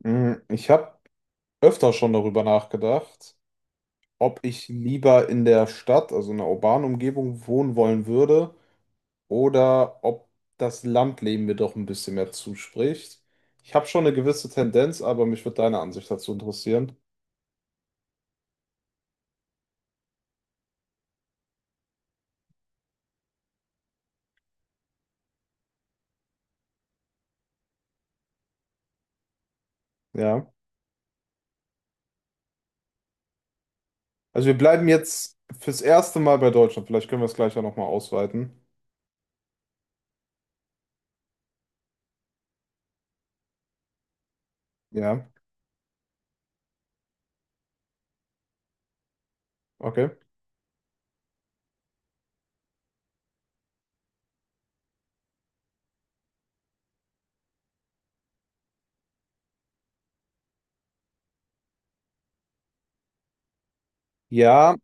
Ich habe öfter schon darüber nachgedacht, ob ich lieber in der Stadt, also in einer urbanen Umgebung, wohnen wollen würde oder ob das Landleben mir doch ein bisschen mehr zuspricht. Ich habe schon eine gewisse Tendenz, aber mich würde deine Ansicht dazu interessieren. Ja. Also wir bleiben jetzt fürs erste Mal bei Deutschland. Vielleicht können wir es gleich ja nochmal ausweiten. Ja. Okay. Ja,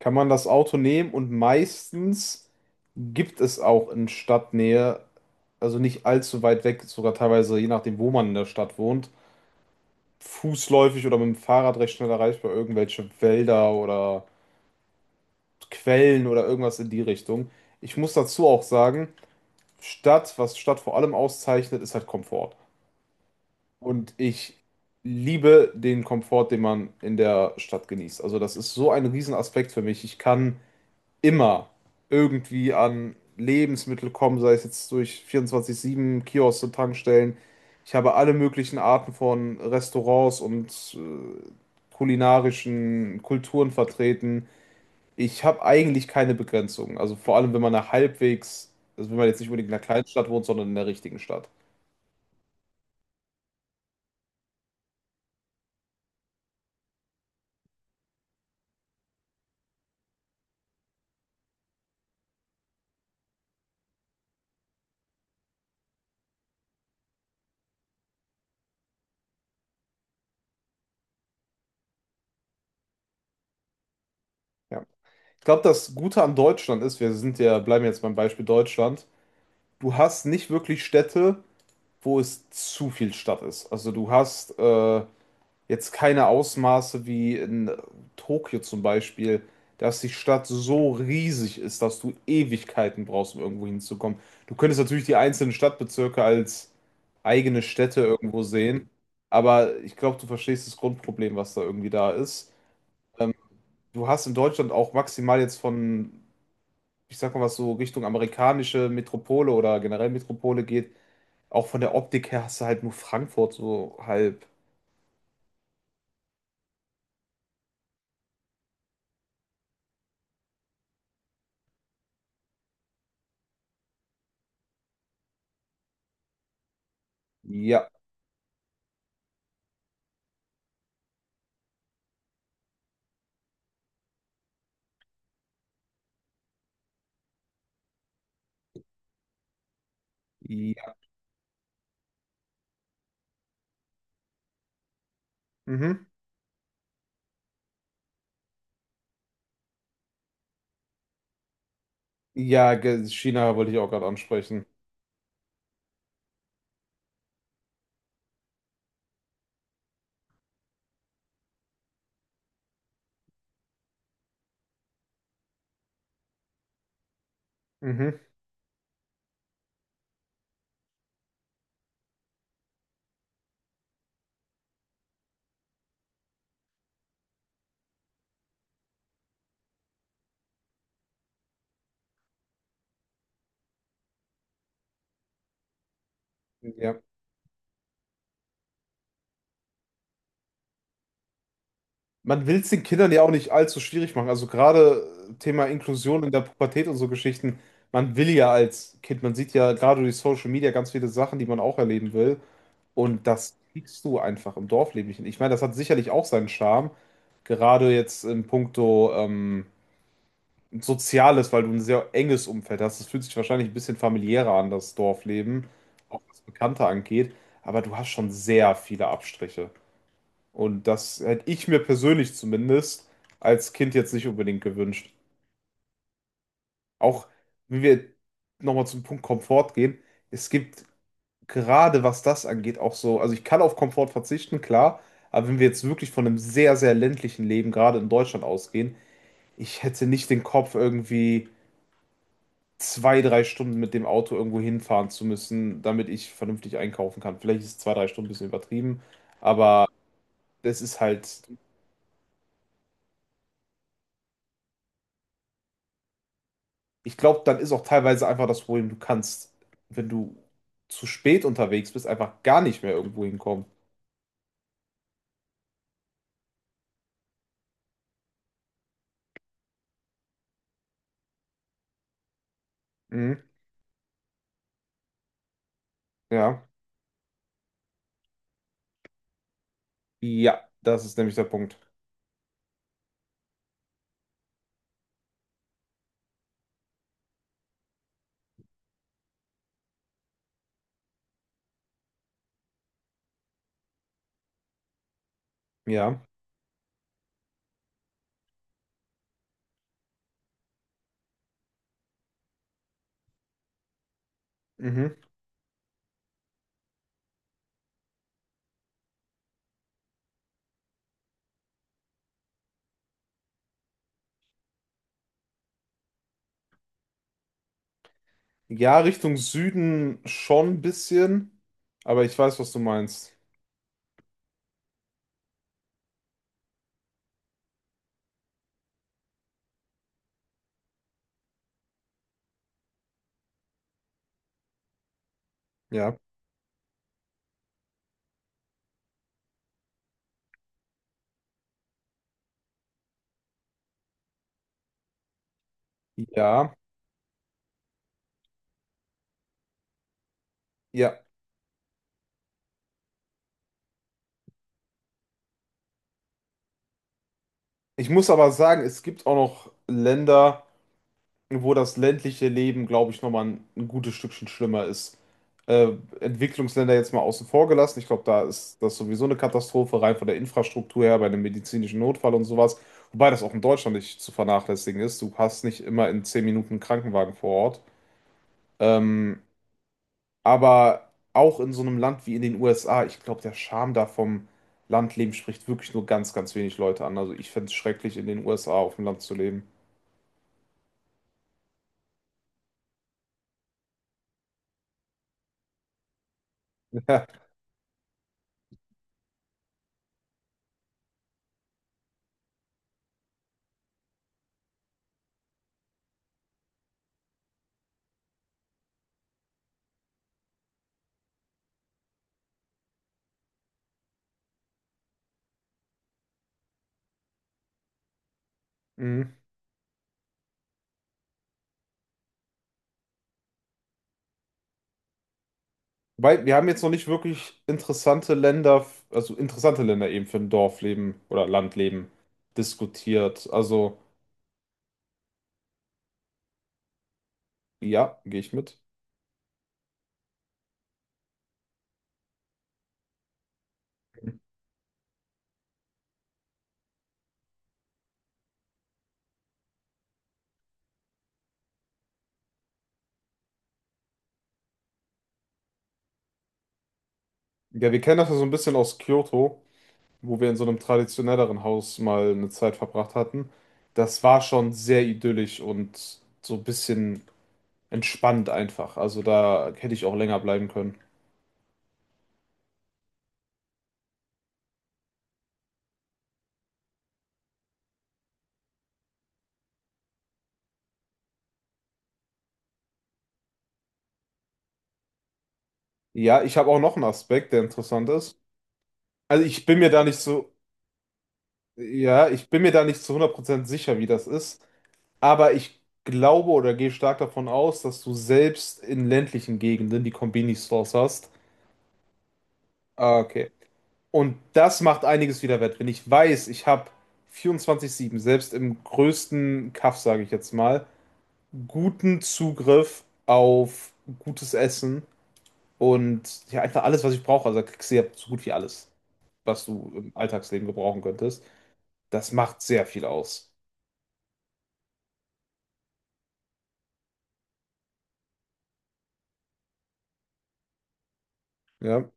kann man das Auto nehmen und meistens gibt es auch in Stadtnähe, also nicht allzu weit weg, sogar teilweise je nachdem, wo man in der Stadt wohnt, fußläufig oder mit dem Fahrrad recht schnell erreichbar irgendwelche Wälder oder Quellen oder irgendwas in die Richtung. Ich muss dazu auch sagen, Stadt, was Stadt vor allem auszeichnet, ist halt Komfort. Und ich liebe den Komfort, den man in der Stadt genießt. Also das ist so ein Riesenaspekt für mich. Ich kann immer irgendwie an Lebensmittel kommen, sei es jetzt durch 24/7 Kioske, Tankstellen. Ich habe alle möglichen Arten von Restaurants und kulinarischen Kulturen vertreten. Ich habe eigentlich keine Begrenzungen. Also vor allem, wenn man nach halbwegs, also wenn man jetzt nicht unbedingt in einer Kleinstadt wohnt, sondern in der richtigen Stadt. Ja. Ich glaube, das Gute an Deutschland ist, wir sind ja, bleiben jetzt beim Beispiel Deutschland, du hast nicht wirklich Städte, wo es zu viel Stadt ist. Also du hast jetzt keine Ausmaße wie in Tokio zum Beispiel, dass die Stadt so riesig ist, dass du Ewigkeiten brauchst, um irgendwo hinzukommen. Du könntest natürlich die einzelnen Stadtbezirke als eigene Städte irgendwo sehen, aber ich glaube, du verstehst das Grundproblem, was da irgendwie da ist. Ähm, Du hast in Deutschland auch maximal jetzt von, ich sag mal was so Richtung amerikanische Metropole oder generell Metropole geht, auch von der Optik her hast du halt nur Frankfurt so halb. Ja, ja. Mhm. Ja, China wollte ich auch gerade ansprechen. Mhm. Ja. Man will es den Kindern ja auch nicht allzu schwierig machen. Also gerade Thema Inklusion in der Pubertät und so Geschichten. Man will ja als Kind, man sieht ja gerade durch Social Media ganz viele Sachen, die man auch erleben will. Und das kriegst du einfach im Dorfleben nicht hin. Ich meine, das hat sicherlich auch seinen Charme. Gerade jetzt in puncto Soziales, weil du ein sehr enges Umfeld hast. Es fühlt sich wahrscheinlich ein bisschen familiärer an, das Dorfleben, auch was Bekannte angeht. Aber du hast schon sehr viele Abstriche. Und das hätte ich mir persönlich zumindest als Kind jetzt nicht unbedingt gewünscht. Auch wenn wir nochmal zum Punkt Komfort gehen, es gibt gerade was das angeht auch so, also ich kann auf Komfort verzichten, klar, aber wenn wir jetzt wirklich von einem sehr, sehr ländlichen Leben gerade in Deutschland ausgehen, ich hätte nicht den Kopf irgendwie zwei, drei Stunden mit dem Auto irgendwo hinfahren zu müssen, damit ich vernünftig einkaufen kann. Vielleicht ist zwei, drei Stunden ein bisschen übertrieben, aber das ist halt, ich glaube, dann ist auch teilweise einfach das Problem, du kannst, wenn du zu spät unterwegs bist, einfach gar nicht mehr irgendwo hinkommen. Mhm. Ja. Ja, das ist nämlich der Punkt. Ja. Mhm. Ja, Richtung Süden schon ein bisschen, aber ich weiß, was du meinst. Ja. Ja. Ja. Ich muss aber sagen, es gibt auch noch Länder, wo das ländliche Leben, glaube ich, nochmal ein gutes Stückchen schlimmer ist. Äh, Entwicklungsländer jetzt mal außen vor gelassen. Ich glaube, da ist das sowieso eine Katastrophe, rein von der Infrastruktur her, bei einem medizinischen Notfall und sowas. Wobei das auch in Deutschland nicht zu vernachlässigen ist. Du hast nicht immer in 10 Minuten einen Krankenwagen vor Ort. Ähm, aber auch in so einem Land wie in den USA, ich glaube, der Charme da vom Landleben spricht wirklich nur ganz, ganz wenig Leute an. Also ich fände es schrecklich, in den USA auf dem Land zu leben. Mhm. Weil wir haben jetzt noch nicht wirklich interessante Länder, also interessante Länder eben für ein Dorfleben oder Landleben diskutiert. Also ja, gehe ich mit. Ja, wir kennen das ja so ein bisschen aus Kyoto, wo wir in so einem traditionelleren Haus mal eine Zeit verbracht hatten. Das war schon sehr idyllisch und so ein bisschen entspannt einfach. Also da hätte ich auch länger bleiben können. Ja, ich habe auch noch einen Aspekt, der interessant ist. Also ich bin mir da nicht so, ja, ich bin mir da nicht zu 100% sicher, wie das ist. Aber ich glaube oder gehe stark davon aus, dass du selbst in ländlichen Gegenden die Konbini-Stores hast. Ah, okay. Und das macht einiges wieder wett. Wenn ich weiß, ich habe 24/7 selbst im größten Kaff, sage ich jetzt mal, guten Zugriff auf gutes Essen und ja, einfach alles, was ich brauche. Also da kriegst du ja so gut wie alles, was du im Alltagsleben gebrauchen könntest. Das macht sehr viel aus. Ja,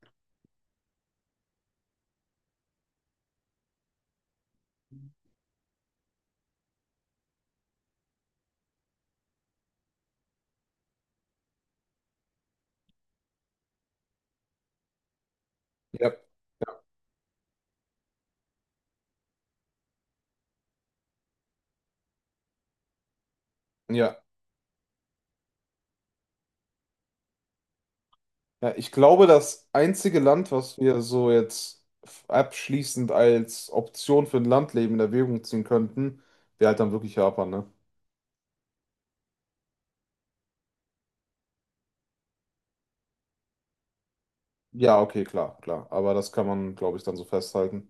ja, ja. Ja, ich glaube, das einzige Land, was wir so jetzt abschließend als Option für ein Landleben in Erwägung ziehen könnten, wäre halt dann wirklich Japan, ne? Ja, okay, klar, klar. Aber das kann man, glaube ich, dann so festhalten.